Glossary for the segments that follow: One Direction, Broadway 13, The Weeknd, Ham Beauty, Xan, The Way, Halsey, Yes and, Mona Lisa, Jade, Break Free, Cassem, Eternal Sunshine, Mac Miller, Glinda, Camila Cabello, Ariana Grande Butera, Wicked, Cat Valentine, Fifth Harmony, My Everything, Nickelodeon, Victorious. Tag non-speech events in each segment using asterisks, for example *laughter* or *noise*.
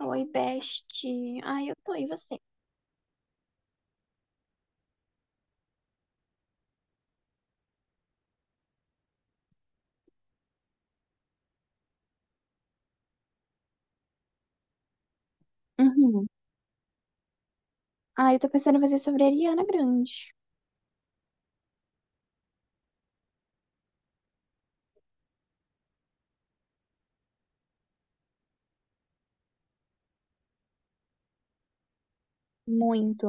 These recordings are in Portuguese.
Oi, Best. Ai, eu tô, e você? Uhum. Ai, eu tô pensando em fazer sobre a Ariana Grande. Muito.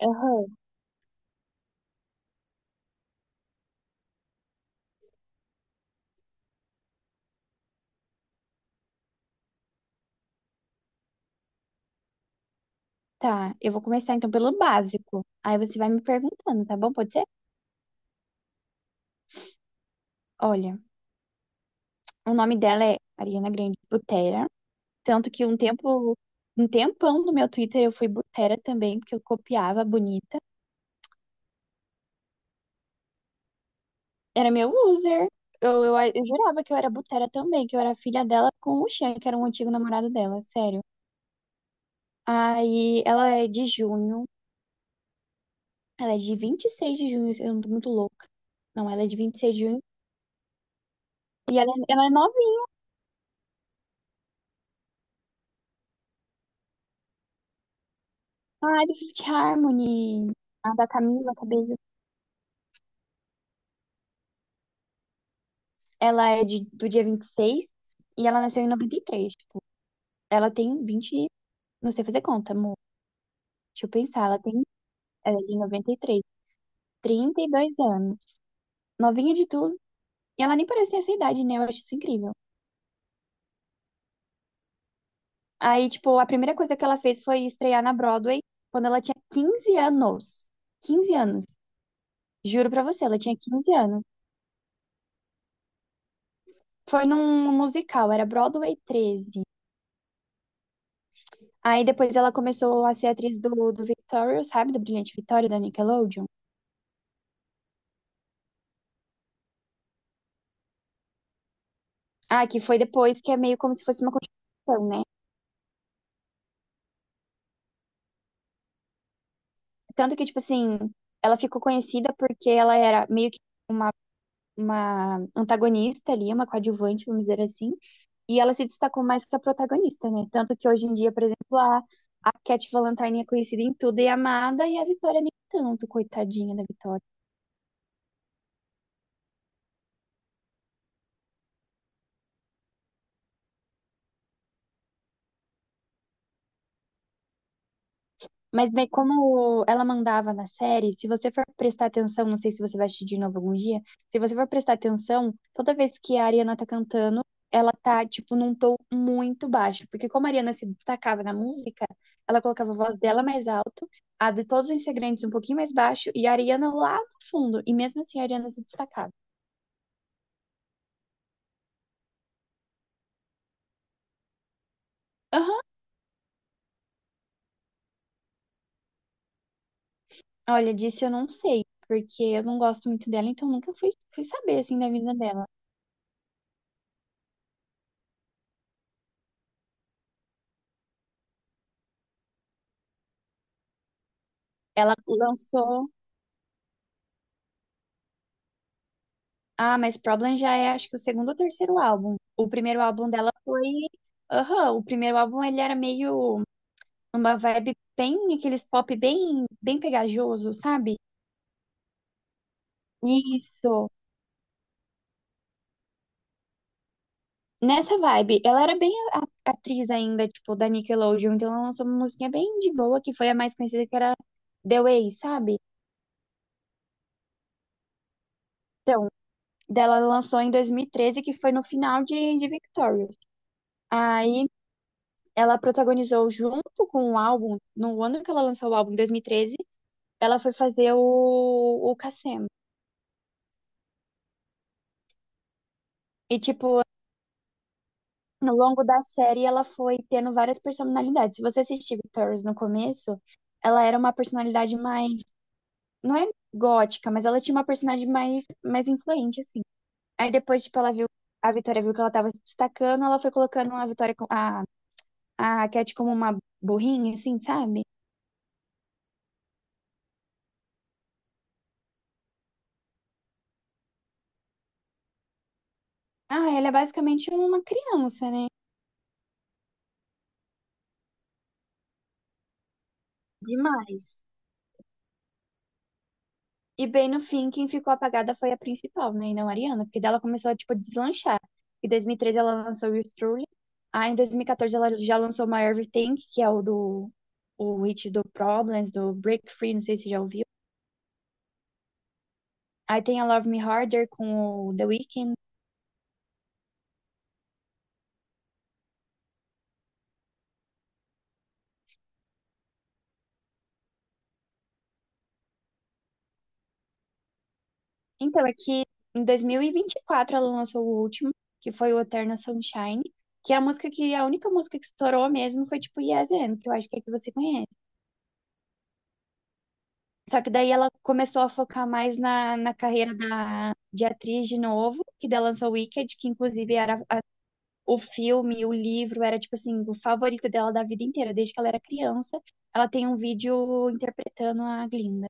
Aham. Tá, eu vou começar então pelo básico. Aí você vai me perguntando, tá bom? Pode ser? Olha, o nome dela é Ariana Grande Butera. Tanto que um tempão no meu Twitter eu fui Butera também, porque eu copiava bonita. Era meu user. Eu jurava que eu era Butera também, que eu era filha dela com o Xan, que era um antigo namorado dela, sério. Aí ela é de junho. Ela é de 26 de junho, eu não tô muito louca. Não, ela é de 26 de junho. E ela é novinha. Ah, é do Fifth Harmony. A da Camila Cabello. Ela é do dia 26 e ela nasceu em 93. Ela tem 20. Não sei fazer conta, amor. Deixa eu pensar. Ela tem. Ela é de 93, 32 anos. Novinha de tudo. E ela nem parece ter essa idade, né? Eu acho isso incrível. Aí, tipo, a primeira coisa que ela fez foi estrear na Broadway quando ela tinha 15 anos. 15 anos. Juro pra você, ela tinha 15 anos. Foi num musical, era Broadway 13. Aí depois ela começou a ser atriz do Victoria, sabe? Do Brilhante Victoria, da Nickelodeon. Ah, que foi depois, que é meio como se fosse uma continuação, né? Tanto que, tipo assim, ela ficou conhecida porque ela era meio que uma, uma antagonista ali, uma coadjuvante, vamos dizer assim. E ela se destacou mais que a protagonista, né? Tanto que hoje em dia, por exemplo, a Cat Valentine é conhecida em tudo e é amada, e a Vitória nem tanto, coitadinha da Vitória. Mas bem, como ela mandava na série, se você for prestar atenção, não sei se você vai assistir de novo algum dia, se você for prestar atenção, toda vez que a Ariana tá cantando, ela tá, tipo, num tom muito baixo. Porque como a Ariana se destacava na música, ela colocava a voz dela mais alto, a de todos os integrantes um pouquinho mais baixo, e a Ariana lá no fundo. E mesmo assim a Ariana se destacava. Aham. Olha, disso eu não sei, porque eu não gosto muito dela, então nunca fui saber, assim, da vida dela. Ela lançou. Ah, mas Problem já é, acho que o segundo ou terceiro álbum. O primeiro álbum dela foi. Aham, o primeiro álbum ele era meio uma vibe bem, aqueles pop bem, bem pegajoso, sabe? Isso. Nessa vibe, ela era bem atriz ainda, tipo, da Nickelodeon, então ela lançou uma musiquinha bem de boa, que foi a mais conhecida, que era The Way, sabe? Então, dela ela lançou em 2013, que foi no final de Victorious. Aí, ela protagonizou junto com o álbum, no ano que ela lançou o álbum, em 2013 ela foi fazer o Cassem. E, tipo, no longo da série, ela foi tendo várias personalidades. Se você assistir Victorious no começo, ela era uma personalidade mais. Não é gótica, mas ela tinha uma personalidade mais influente, assim. Aí depois, tipo, ela viu. A Vitória viu que ela tava se destacando, ela foi colocando a Vitória, a Cat como uma burrinha, assim, sabe? Ah, ela é basicamente uma criança, né? Demais. E bem no fim, quem ficou apagada foi a principal, né? E não a Ariana, porque dela começou a, tipo, a deslanchar. Em 2013 ela lançou o Truly. Aí em 2014 ela já lançou My Everything, que é o hit do Problems, do Break Free, não sei se já ouviu. Aí tem a Love Me Harder com o The Weeknd. Então é que em 2024 ela lançou o último, que foi o Eternal Sunshine, que é a única música que estourou mesmo foi tipo Yes and, que eu acho que é que você conhece. Só que daí ela começou a focar mais na carreira de atriz de novo, que daí lançou Wicked, que inclusive era o filme, o livro, era tipo assim, o favorito dela da vida inteira, desde que ela era criança. Ela tem um vídeo interpretando a Glinda.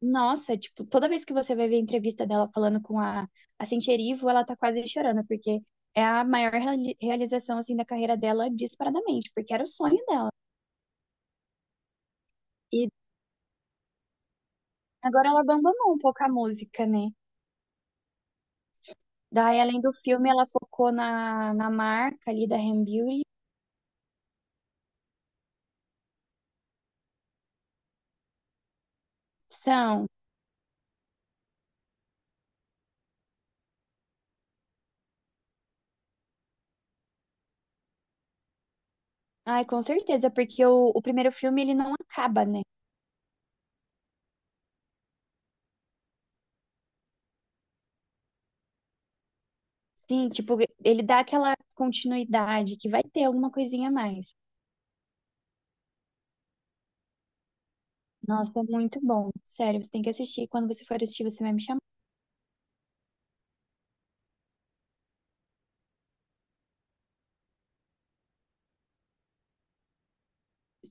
Nossa, tipo, toda vez que você vai ver a entrevista dela falando com a Centerivo, ela tá quase chorando, porque é a maior realização, assim, da carreira dela disparadamente, porque era o sonho dela. E agora ela abandonou um pouco a música, né? Daí, além do filme, ela focou na marca ali da Ham Beauty. São. Ai, com certeza, porque o primeiro filme ele não acaba, né? Sim, tipo, ele dá aquela continuidade que vai ter alguma coisinha a mais. Nossa, é muito bom. Sério, você tem que assistir. Quando você for assistir, você vai me chamar.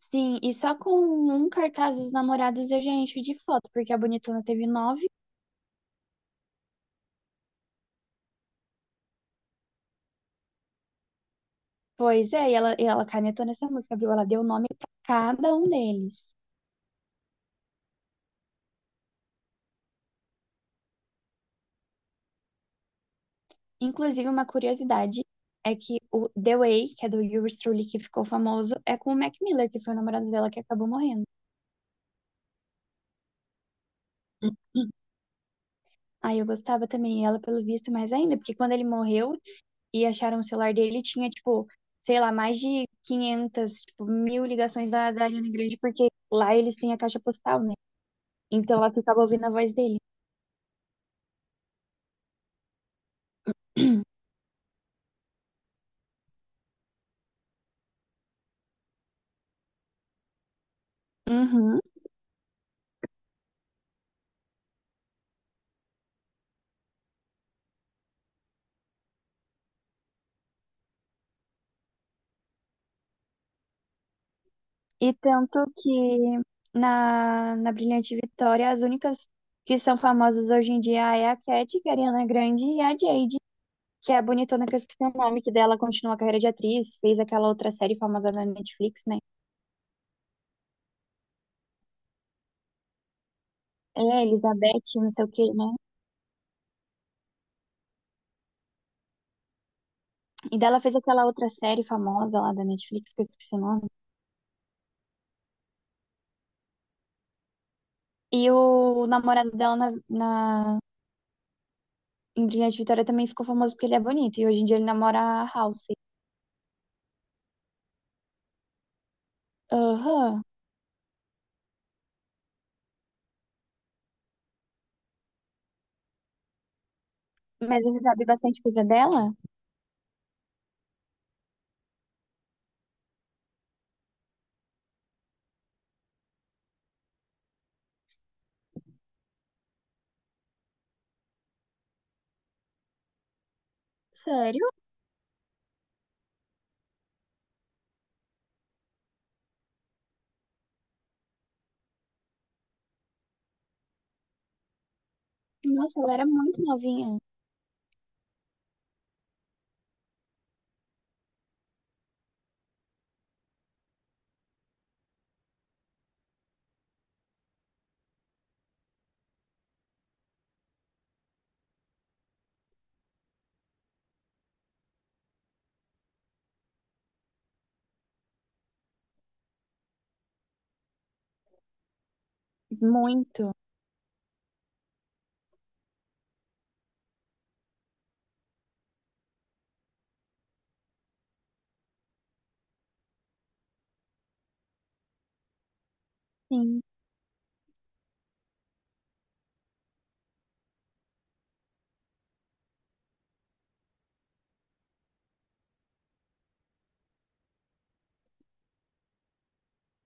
Sim, e só com um cartaz dos namorados eu já encho de foto, porque a Bonitona teve nove. Pois é, e ela canetou nessa música, viu? Ela deu o nome pra cada um deles. Inclusive, uma curiosidade é que o The Way, que é do Yuri Strulli, que ficou famoso, é com o Mac Miller, que foi o namorado dela que acabou morrendo. *clears throat* Aí eu gostava também dela, pelo visto, mais ainda, porque quando ele morreu e acharam o celular dele, tinha, tipo, sei lá, mais de 500 tipo, mil ligações da Ariana Grande, porque lá eles têm a caixa postal, né? Então ela ficava ouvindo a voz dele. Uhum. E tanto que na Brilhante Vitória, as únicas que são famosas hoje em dia é a Cat, que é a Ariana Grande, e a Jade, que é a bonitona que eu esqueci o nome, que dela continua a carreira de atriz, fez aquela outra série famosa na Netflix, né? É, Elizabeth, não sei o quê, né? E dela fez aquela outra série famosa lá da Netflix, que eu esqueci o nome. E o namorado dela na, na em Brilhante Vitória também ficou famoso porque ele é bonito, e hoje em dia ele namora a Halsey. Aham. Mas você sabe bastante coisa dela? Sério. Nossa, ela era muito novinha. Muito. Sim.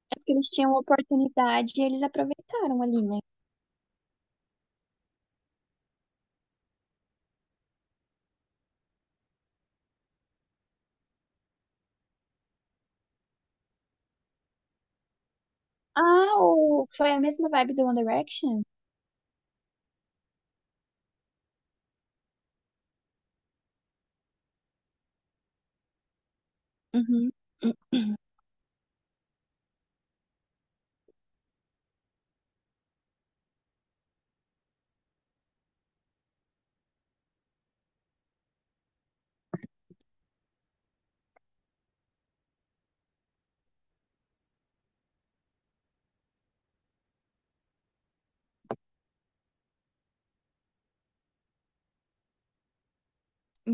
É porque eles tinham oportunidade e eles aproveitaram ali, né? Ah, foi a mesma vibe do One Direction? Uhum.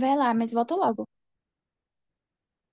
Vai lá, mas volta logo.